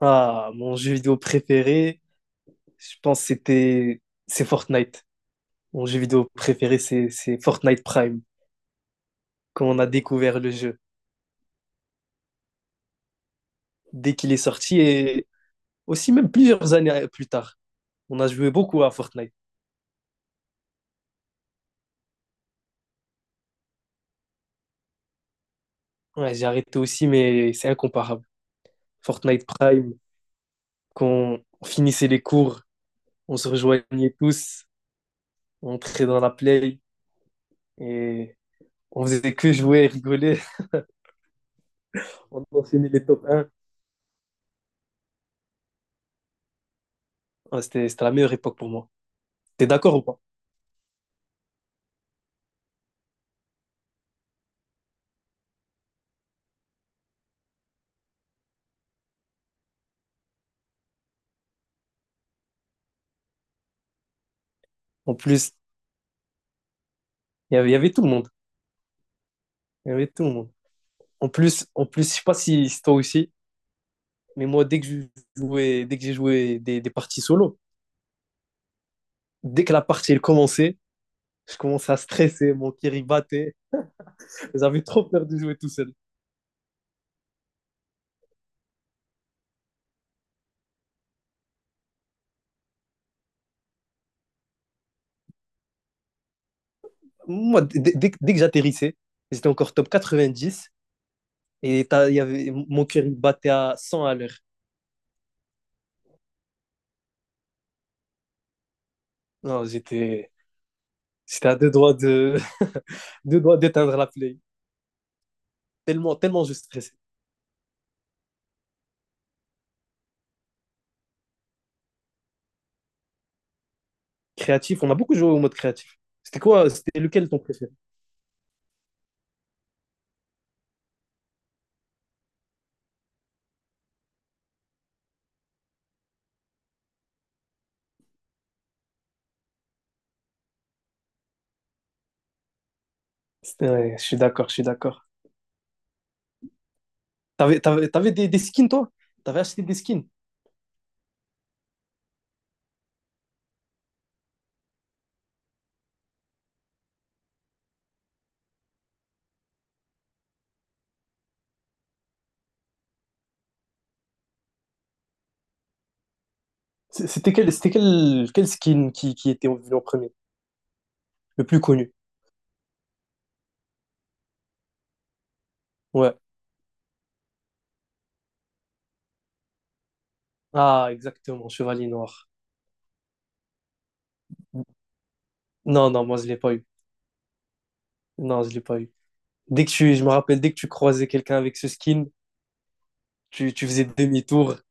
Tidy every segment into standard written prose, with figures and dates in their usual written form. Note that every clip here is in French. Ah, mon jeu vidéo préféré, je pense que c'est Fortnite. Mon jeu vidéo préféré, c'est Fortnite Prime, quand on a découvert le jeu, dès qu'il est sorti et aussi même plusieurs années plus tard. On a joué beaucoup à Fortnite. Ouais, j'ai arrêté aussi, mais c'est incomparable. Fortnite Prime, quand on finissait les cours, on se rejoignait tous, on entrait dans la play et on faisait que jouer et rigoler. On enchaînait les top un. Ouais, c'était la meilleure époque pour moi. T'es d'accord ou pas? En plus, il y avait tout le monde. Il y avait tout le monde. En plus, je sais pas si c'est toi aussi, mais moi, dès que j'ai joué des parties solo, dès que la partie elle commençait, je commençais à stresser, mon kiri battait. J'avais trop peur de jouer tout seul. Moi, dès que j'atterrissais, j'étais encore top 90 et mon cœur il battait à 100 à l'heure. Non, j'étais, j'étais à deux doigts de, deux doigts d'éteindre la play. Tellement je stressais. Créatif, on a beaucoup joué au mode créatif. C'était lequel ton préféré? C'est vrai, je suis d'accord. T'avais des skins, toi? T'avais acheté des skins? Quel skin qui était venu en premier? Le plus connu? Ouais. Ah, exactement, Chevalier Noir. Non, moi, je l'ai pas eu. Non, je l'ai pas eu. Je me rappelle, dès que tu croisais quelqu'un avec ce skin, tu faisais demi-tour.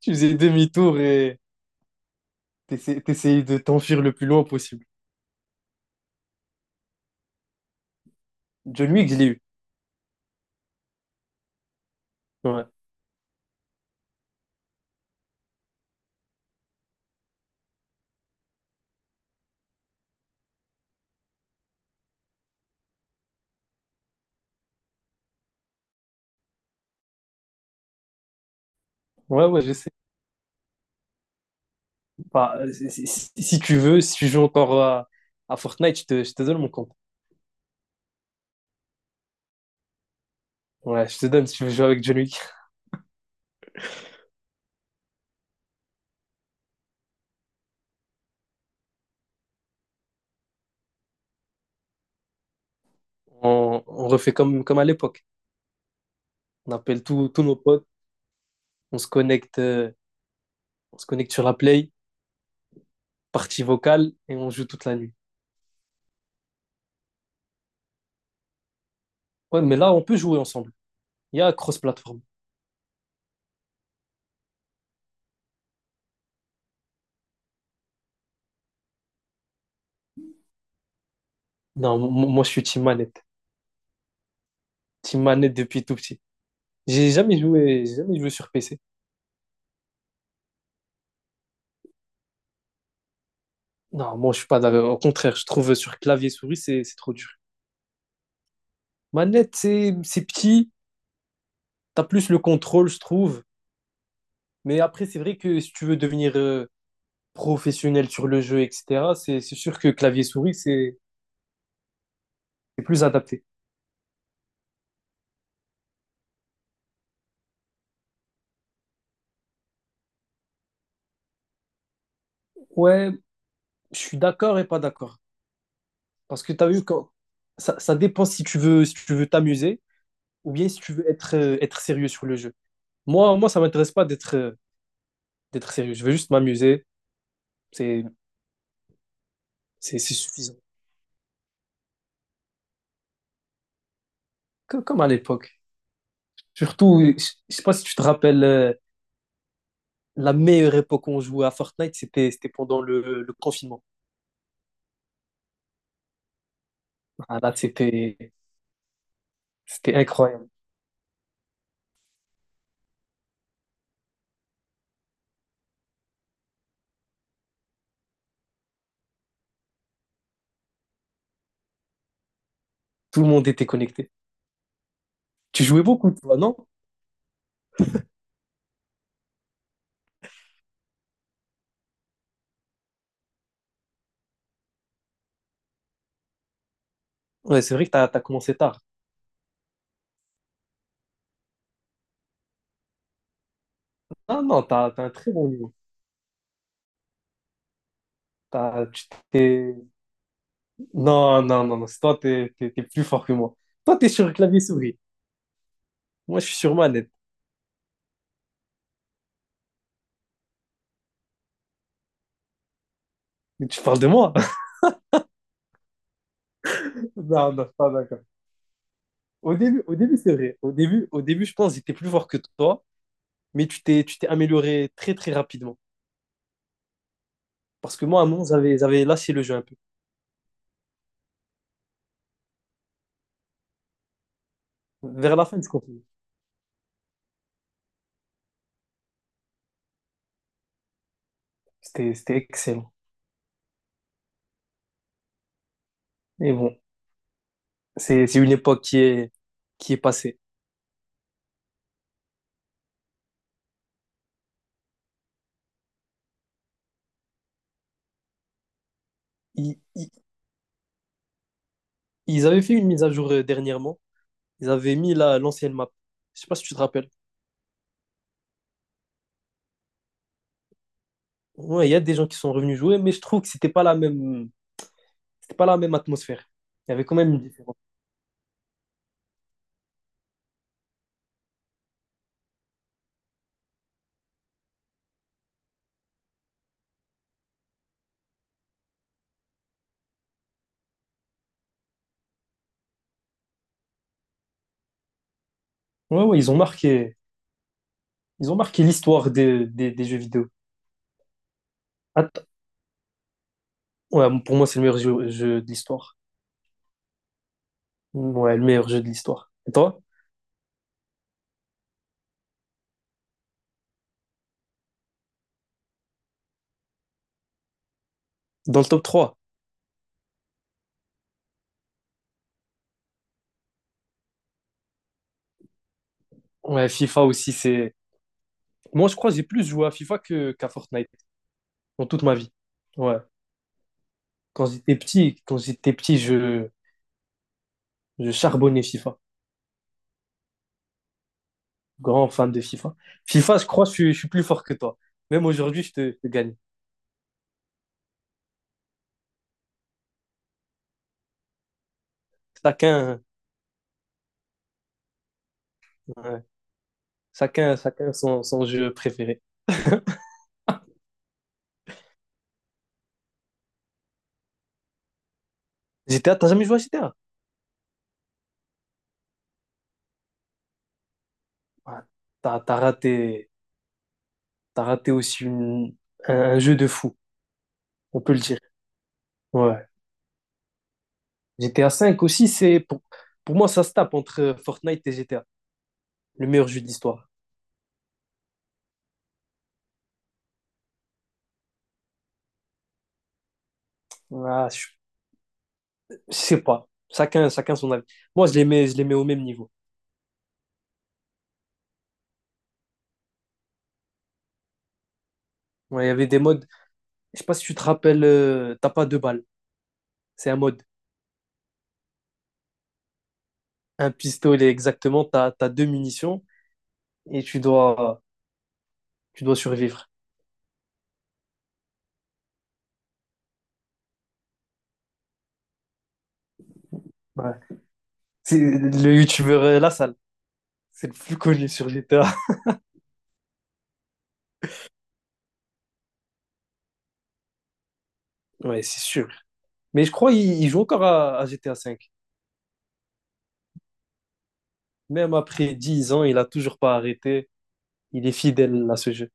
Tu faisais demi-tour et t'essayais de t'enfuir le plus loin possible. John Wick, je l'ai eu. Ouais, ouais, ouais, je sais. Enfin, si si tu veux, si tu joues encore à Fortnite, je te donne mon compte. Ouais, je te donne si tu veux jouer avec John Wick. On refait comme à l'époque. On appelle tous nos potes, on se connecte, euh, on se connecte sur la Play, partie vocale, et on joue toute la nuit. Ouais, mais là, on peut jouer ensemble. Il y a cross-platform. Non, moi, je suis team manette. Team manette depuis tout petit. J'ai jamais joué sur PC. Non, moi, je suis pas d'accord. Au contraire, je trouve sur clavier souris, c'est trop dur. Manette, c'est petit. T'as plus le contrôle, je trouve. Mais après, c'est vrai que si tu veux devenir professionnel sur le jeu, etc., c'est sûr que clavier-souris, c'est plus adapté. Ouais, je suis d'accord et pas d'accord. Parce que tu as vu, quand... ça dépend si tu veux t'amuser ou bien si tu veux être, être sérieux sur le jeu. Moi, ça m'intéresse pas d'être sérieux. Je veux juste m'amuser. C'est c'est suffisant. Comme à l'époque. Surtout, je sais pas si tu te rappelles, la meilleure époque où on jouait à Fortnite, c'était pendant le confinement. Ah, là, c'était incroyable. Tout le monde était connecté. Tu jouais beaucoup, toi, non? Ouais, c'est vrai que t'as commencé tard. Ah non, t'as un très bon niveau. T'as- tu t'es- Non, non, non, non. c'est Toi, t'es plus fort que moi. Toi, t'es sur clavier souris. Moi, je suis sur manette. Mais tu parles de moi? Non, non, je suis pas d'accord. Au début, c'est vrai. Au début, je pense que j'étais plus fort que toi, mais tu t'es amélioré très, très rapidement. Parce que moi, à un moment, j'avais lâché le jeu un peu. Vers la fin, je comprenais. C'était excellent. Mais bon, c'est une époque qui est passée. Il, il- Ils avaient fait une mise à jour dernièrement. Ils avaient mis l'ancienne map. Je sais pas si tu te rappelles. Ouais, il y a des gens qui sont revenus jouer, mais je trouve que c'était pas la même atmosphère. Il y avait quand même une différence. Ouais, ouais, ils ont marqué, ils ont marqué l'histoire des jeux vidéo. Att- ouais, pour moi, c'est le meilleur jeu de l'histoire. Ouais, le meilleur jeu de l'histoire. Et toi? Dans le top trois. Ouais, FIFA aussi, c'est. Moi, je crois que j'ai plus joué à FIFA qu'à Fortnite dans toute ma vie. Ouais. Quand j'étais petit, je charbonnais FIFA. Grand fan de FIFA. FIFA, je crois, je suis plus fort que toi. Même aujourd'hui, je te gagne. Chacun, ouais, chacun, chacun son, son jeu préféré. GTA, t'as jamais joué à GTA? Ouais, T'as, t'as raté, t'as raté aussi un jeu de fou, on peut le dire. Ouais. GTA 5 aussi, pour moi, ça se tape entre Fortnite et GTA, le meilleur jeu d'histoire. Ah, je, je sais pas. Chacun, chacun son avis. Moi, je les mets au même niveau. Ouais, Il y avait des modes. Je sais pas si tu te rappelles, t'as pas deux balles. C'est un mode. Un pistolet exactement, t'as deux munitions et tu dois survivre. Ouais. C'est le youtubeur La Salle, c'est le plus connu sur GTA. Ouais, c'est sûr. Mais je crois qu'il il joue encore à GTA V. Même après 10 ans, il a toujours pas arrêté. Il est fidèle à ce jeu.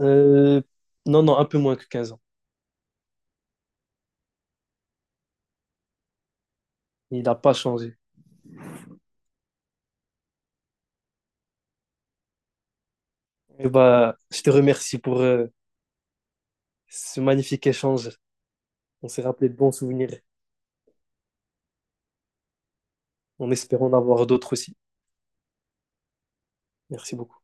Euh, non, non, un peu moins que 15 ans. Il n'a pas changé. Et bah, je te remercie pour ce magnifique échange. On s'est rappelé de bons souvenirs en espérant en avoir d'autres aussi. Merci beaucoup.